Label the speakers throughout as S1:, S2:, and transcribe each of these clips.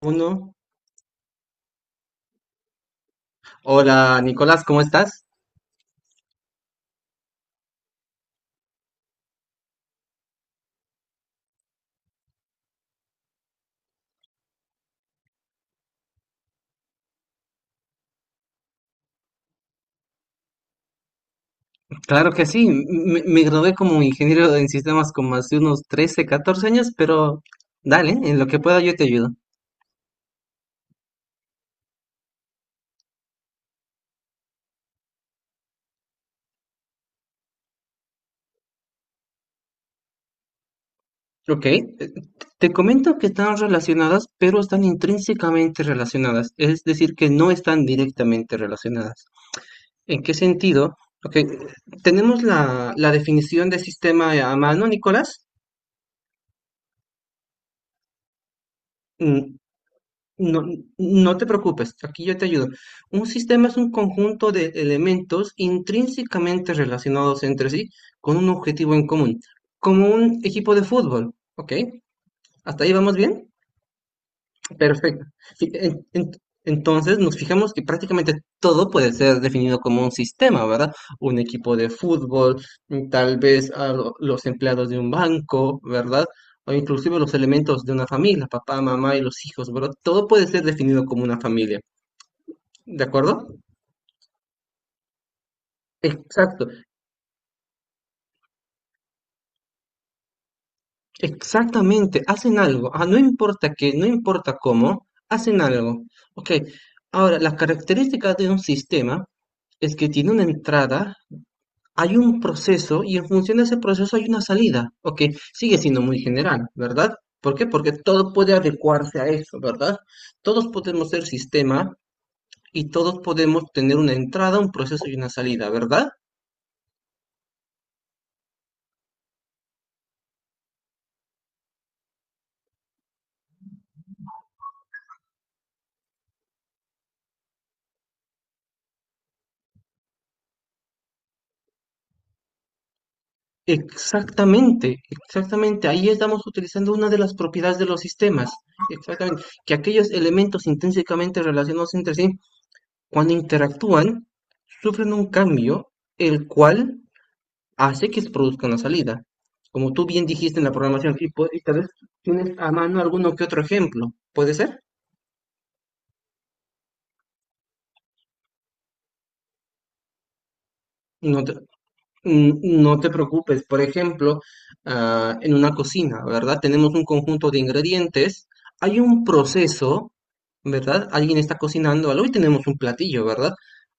S1: Uno. Hola Nicolás, ¿cómo estás? Claro que sí, me gradué como ingeniero en sistemas como hace unos 13, 14 años, pero dale, en lo que pueda yo te ayudo. Ok, te comento que están relacionadas, pero están intrínsecamente relacionadas, es decir, que no están directamente relacionadas. ¿En qué sentido? Ok, tenemos la definición de sistema a mano, Nicolás. Mm, No, no te preocupes, aquí yo te ayudo. Un sistema es un conjunto de elementos intrínsecamente relacionados entre sí con un objetivo en común, como un equipo de fútbol, ¿ok? ¿Hasta ahí vamos bien? Perfecto. Sí, en- en- Entonces nos fijamos que prácticamente todo puede ser definido como un sistema, ¿verdad? Un equipo de fútbol, tal vez los empleados de un banco, ¿verdad? O inclusive los elementos de una familia, papá, mamá y los hijos, ¿verdad? Todo puede ser definido como una familia, ¿de acuerdo? Exacto, exactamente, hacen algo. Ah, no importa qué, no importa cómo, hacen algo. Ok, ahora, las características de un sistema es que tiene una entrada, hay un proceso y en función de ese proceso hay una salida, ok, sigue siendo muy general, ¿verdad? ¿Por qué? Porque todo puede adecuarse a eso, ¿verdad? Todos podemos ser sistema y todos podemos tener una entrada, un proceso y una salida, ¿verdad? Exactamente, exactamente. Ahí estamos utilizando una de las propiedades de los sistemas. Exactamente. Que aquellos elementos intrínsecamente relacionados entre sí, cuando interactúan, sufren un cambio, el cual hace que se produzca una salida. Como tú bien dijiste en la programación, sí, pues, y tal vez tienes a mano alguno que otro ejemplo, ¿puede ser? No te- No te preocupes, por ejemplo, en una cocina, ¿verdad? Tenemos un conjunto de ingredientes, hay un proceso, ¿verdad? Alguien está cocinando algo y tenemos un platillo, ¿verdad?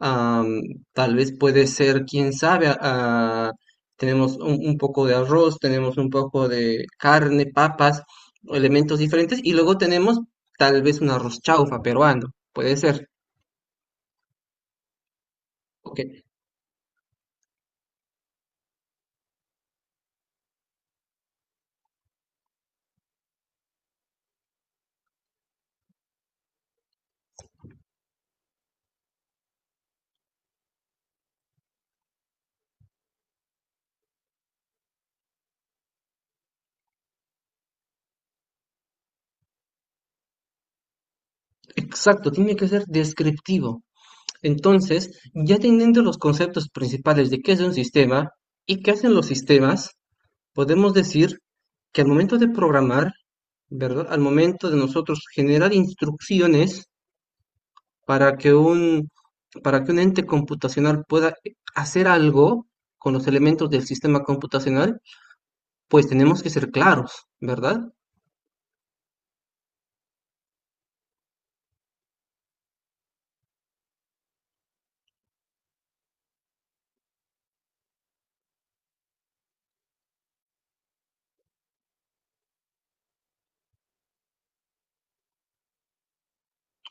S1: Am, tal vez puede ser, quién sabe, tenemos un poco de arroz, tenemos un poco de carne, papas, elementos diferentes, y luego tenemos tal vez un arroz chaufa peruano, puede ser. Ok, exacto, tiene que ser descriptivo. Entonces, ya teniendo los conceptos principales de qué es un sistema y qué hacen los sistemas, podemos decir que al momento de programar, ¿verdad? Al momento de nosotros generar instrucciones para que un, para que un ente computacional pueda hacer algo con los elementos del sistema computacional, pues tenemos que ser claros, ¿verdad?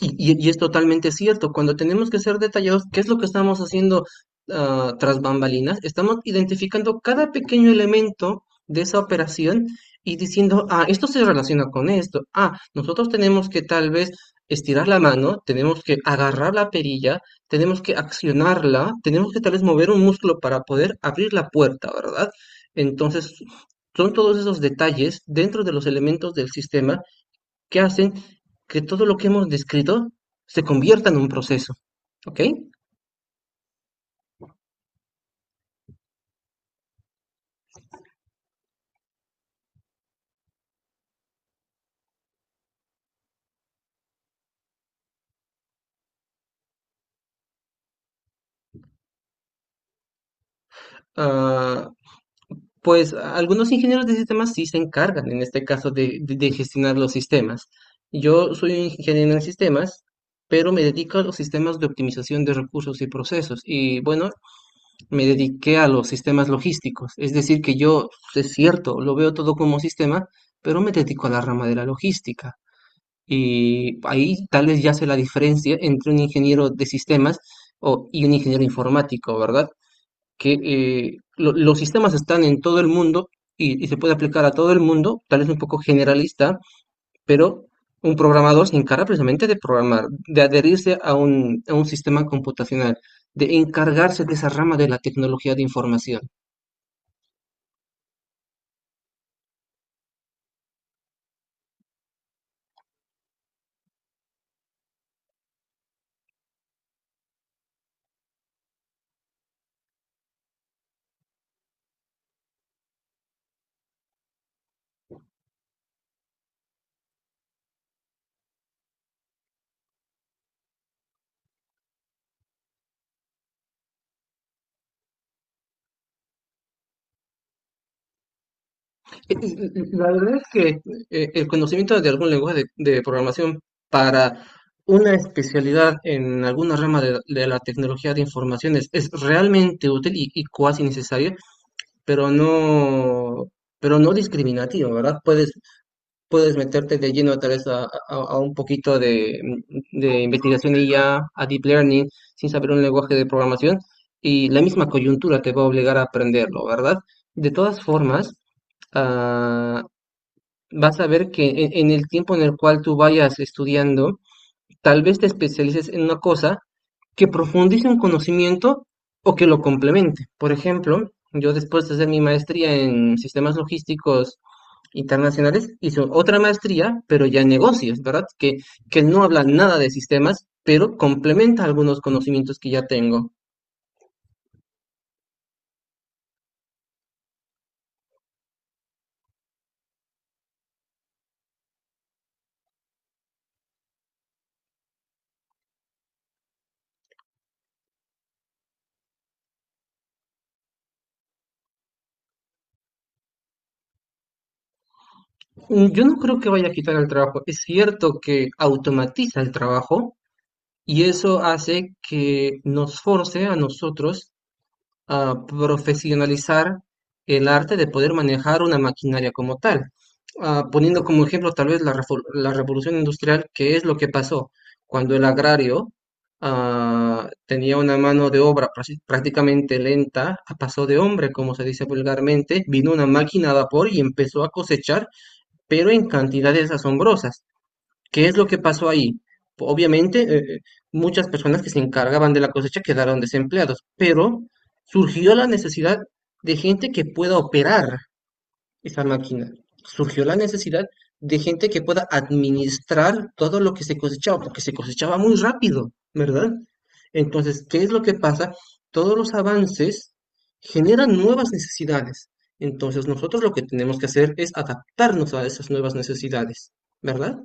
S1: Y es totalmente cierto, cuando tenemos que ser detallados, ¿qué es lo que estamos haciendo tras bambalinas? Estamos identificando cada pequeño elemento de esa operación y diciendo, ah, esto se relaciona con esto, ah, nosotros tenemos que tal vez estirar la mano, tenemos que agarrar la perilla, tenemos que accionarla, tenemos que tal vez mover un músculo para poder abrir la puerta, ¿verdad? Entonces, son todos esos detalles dentro de los elementos del sistema que hacen que todo lo que hemos descrito se convierta en un proceso, ¿ok? Ah, pues algunos ingenieros de sistemas sí se encargan, en este caso, de, de gestionar los sistemas. Yo soy un ingeniero en sistemas, pero me dedico a los sistemas de optimización de recursos y procesos. Y bueno, me dediqué a los sistemas logísticos. Es decir, que yo, es cierto, lo veo todo como sistema, pero me dedico a la rama de la logística. Y ahí tal vez ya se la diferencia entre un ingeniero de sistemas y un ingeniero informático, ¿verdad? Que los sistemas están en todo el mundo y se puede aplicar a todo el mundo, tal vez un poco generalista, pero un programador se encarga precisamente de programar, de adherirse a un sistema computacional, de encargarse de esa rama de la tecnología de información. La verdad es que el conocimiento de algún lenguaje de programación para una especialidad en alguna rama de la tecnología de informaciones es realmente útil y cuasi necesaria, pero no, pero no discriminativo, ¿verdad? Puedes, puedes meterte de lleno tal vez a, a un poquito de investigación IA, a deep learning, sin saber un lenguaje de programación, y la misma coyuntura te va a obligar a aprenderlo, ¿verdad? De todas formas, ah, vas a ver que en el tiempo en el cual tú vayas estudiando, tal vez te especialices en una cosa que profundice un conocimiento o que lo complemente. Por ejemplo, yo después de hacer mi maestría en sistemas logísticos internacionales, hice otra maestría, pero ya en negocios, ¿verdad? Que no habla nada de sistemas, pero complementa algunos conocimientos que ya tengo. Yo no creo que vaya a quitar el trabajo. Es cierto que automatiza el trabajo, y eso hace que nos force a nosotros a profesionalizar el arte de poder manejar una maquinaria como tal. Ah, poniendo como ejemplo tal vez la revolución industrial, que es lo que pasó cuando el agrario tenía una mano de obra prácticamente lenta, a paso de hombre, como se dice vulgarmente, vino una máquina a vapor y empezó a cosechar, pero en cantidades asombrosas. ¿Qué es lo que pasó ahí? Obviamente, muchas personas que se encargaban de la cosecha quedaron desempleados, pero surgió la necesidad de gente que pueda operar esa máquina. Surgió la necesidad de gente que pueda administrar todo lo que se cosechaba, porque se cosechaba muy rápido, ¿verdad? Entonces, ¿qué es lo que pasa? Todos los avances generan nuevas necesidades. Entonces, nosotros lo que tenemos que hacer es adaptarnos a esas nuevas necesidades, ¿verdad?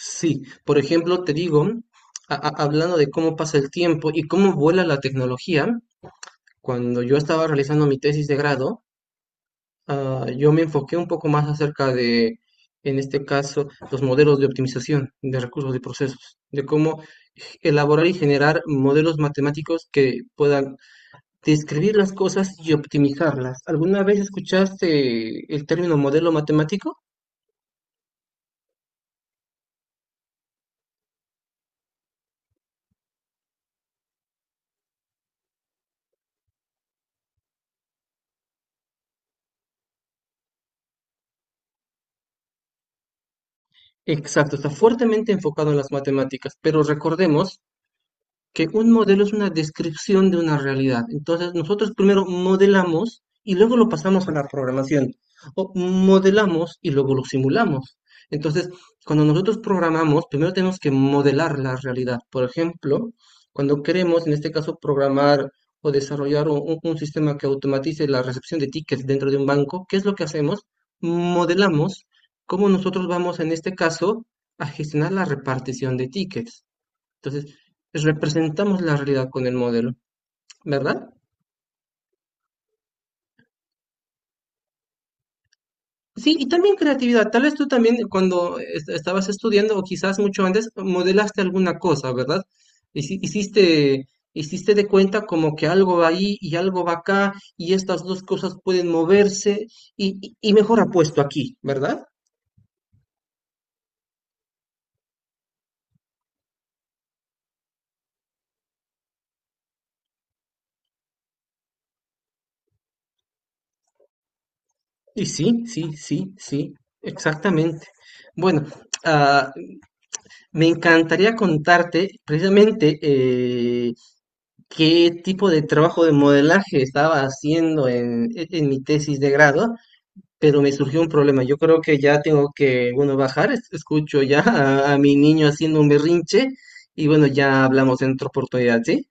S1: Sí, por ejemplo, te digo, hablando de cómo pasa el tiempo y cómo vuela la tecnología, cuando yo estaba realizando mi tesis de grado, yo me enfoqué un poco más acerca de, en este caso, los modelos de optimización de recursos y procesos, de cómo elaborar y generar modelos matemáticos que puedan describir las cosas y optimizarlas. ¿Alguna vez escuchaste el término modelo matemático? Exacto, está fuertemente enfocado en las matemáticas, pero recordemos que un modelo es una descripción de una realidad. Entonces, nosotros primero modelamos y luego lo pasamos a la programación. O modelamos y luego lo simulamos. Entonces, cuando nosotros programamos, primero tenemos que modelar la realidad. Por ejemplo, cuando queremos, en este caso, programar o desarrollar un sistema que automatice la recepción de tickets dentro de un banco, ¿qué es lo que hacemos? Modelamos cómo nosotros vamos, en este caso, a gestionar la repartición de tickets. Entonces, pues, representamos la realidad con el modelo, ¿verdad? Sí, y también creatividad. Tal vez tú también cuando estabas estudiando o quizás mucho antes modelaste alguna cosa, ¿verdad? Hiciste, hiciste de cuenta como que algo va ahí y algo va acá y estas dos cosas pueden moverse y, y mejor apuesto aquí, ¿verdad? Sí, sí, sí, sí, exactamente. Bueno, ah, me encantaría contarte precisamente qué tipo de trabajo de modelaje estaba haciendo en mi tesis de grado, pero me surgió un problema. Yo creo que ya tengo que, bueno, bajar. Escucho ya a mi niño haciendo un berrinche y bueno, ya hablamos en otra oportunidad, ¿sí?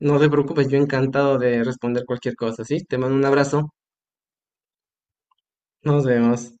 S1: No te preocupes, yo encantado de responder cualquier cosa, ¿sí? Te mando un abrazo. Nos vemos.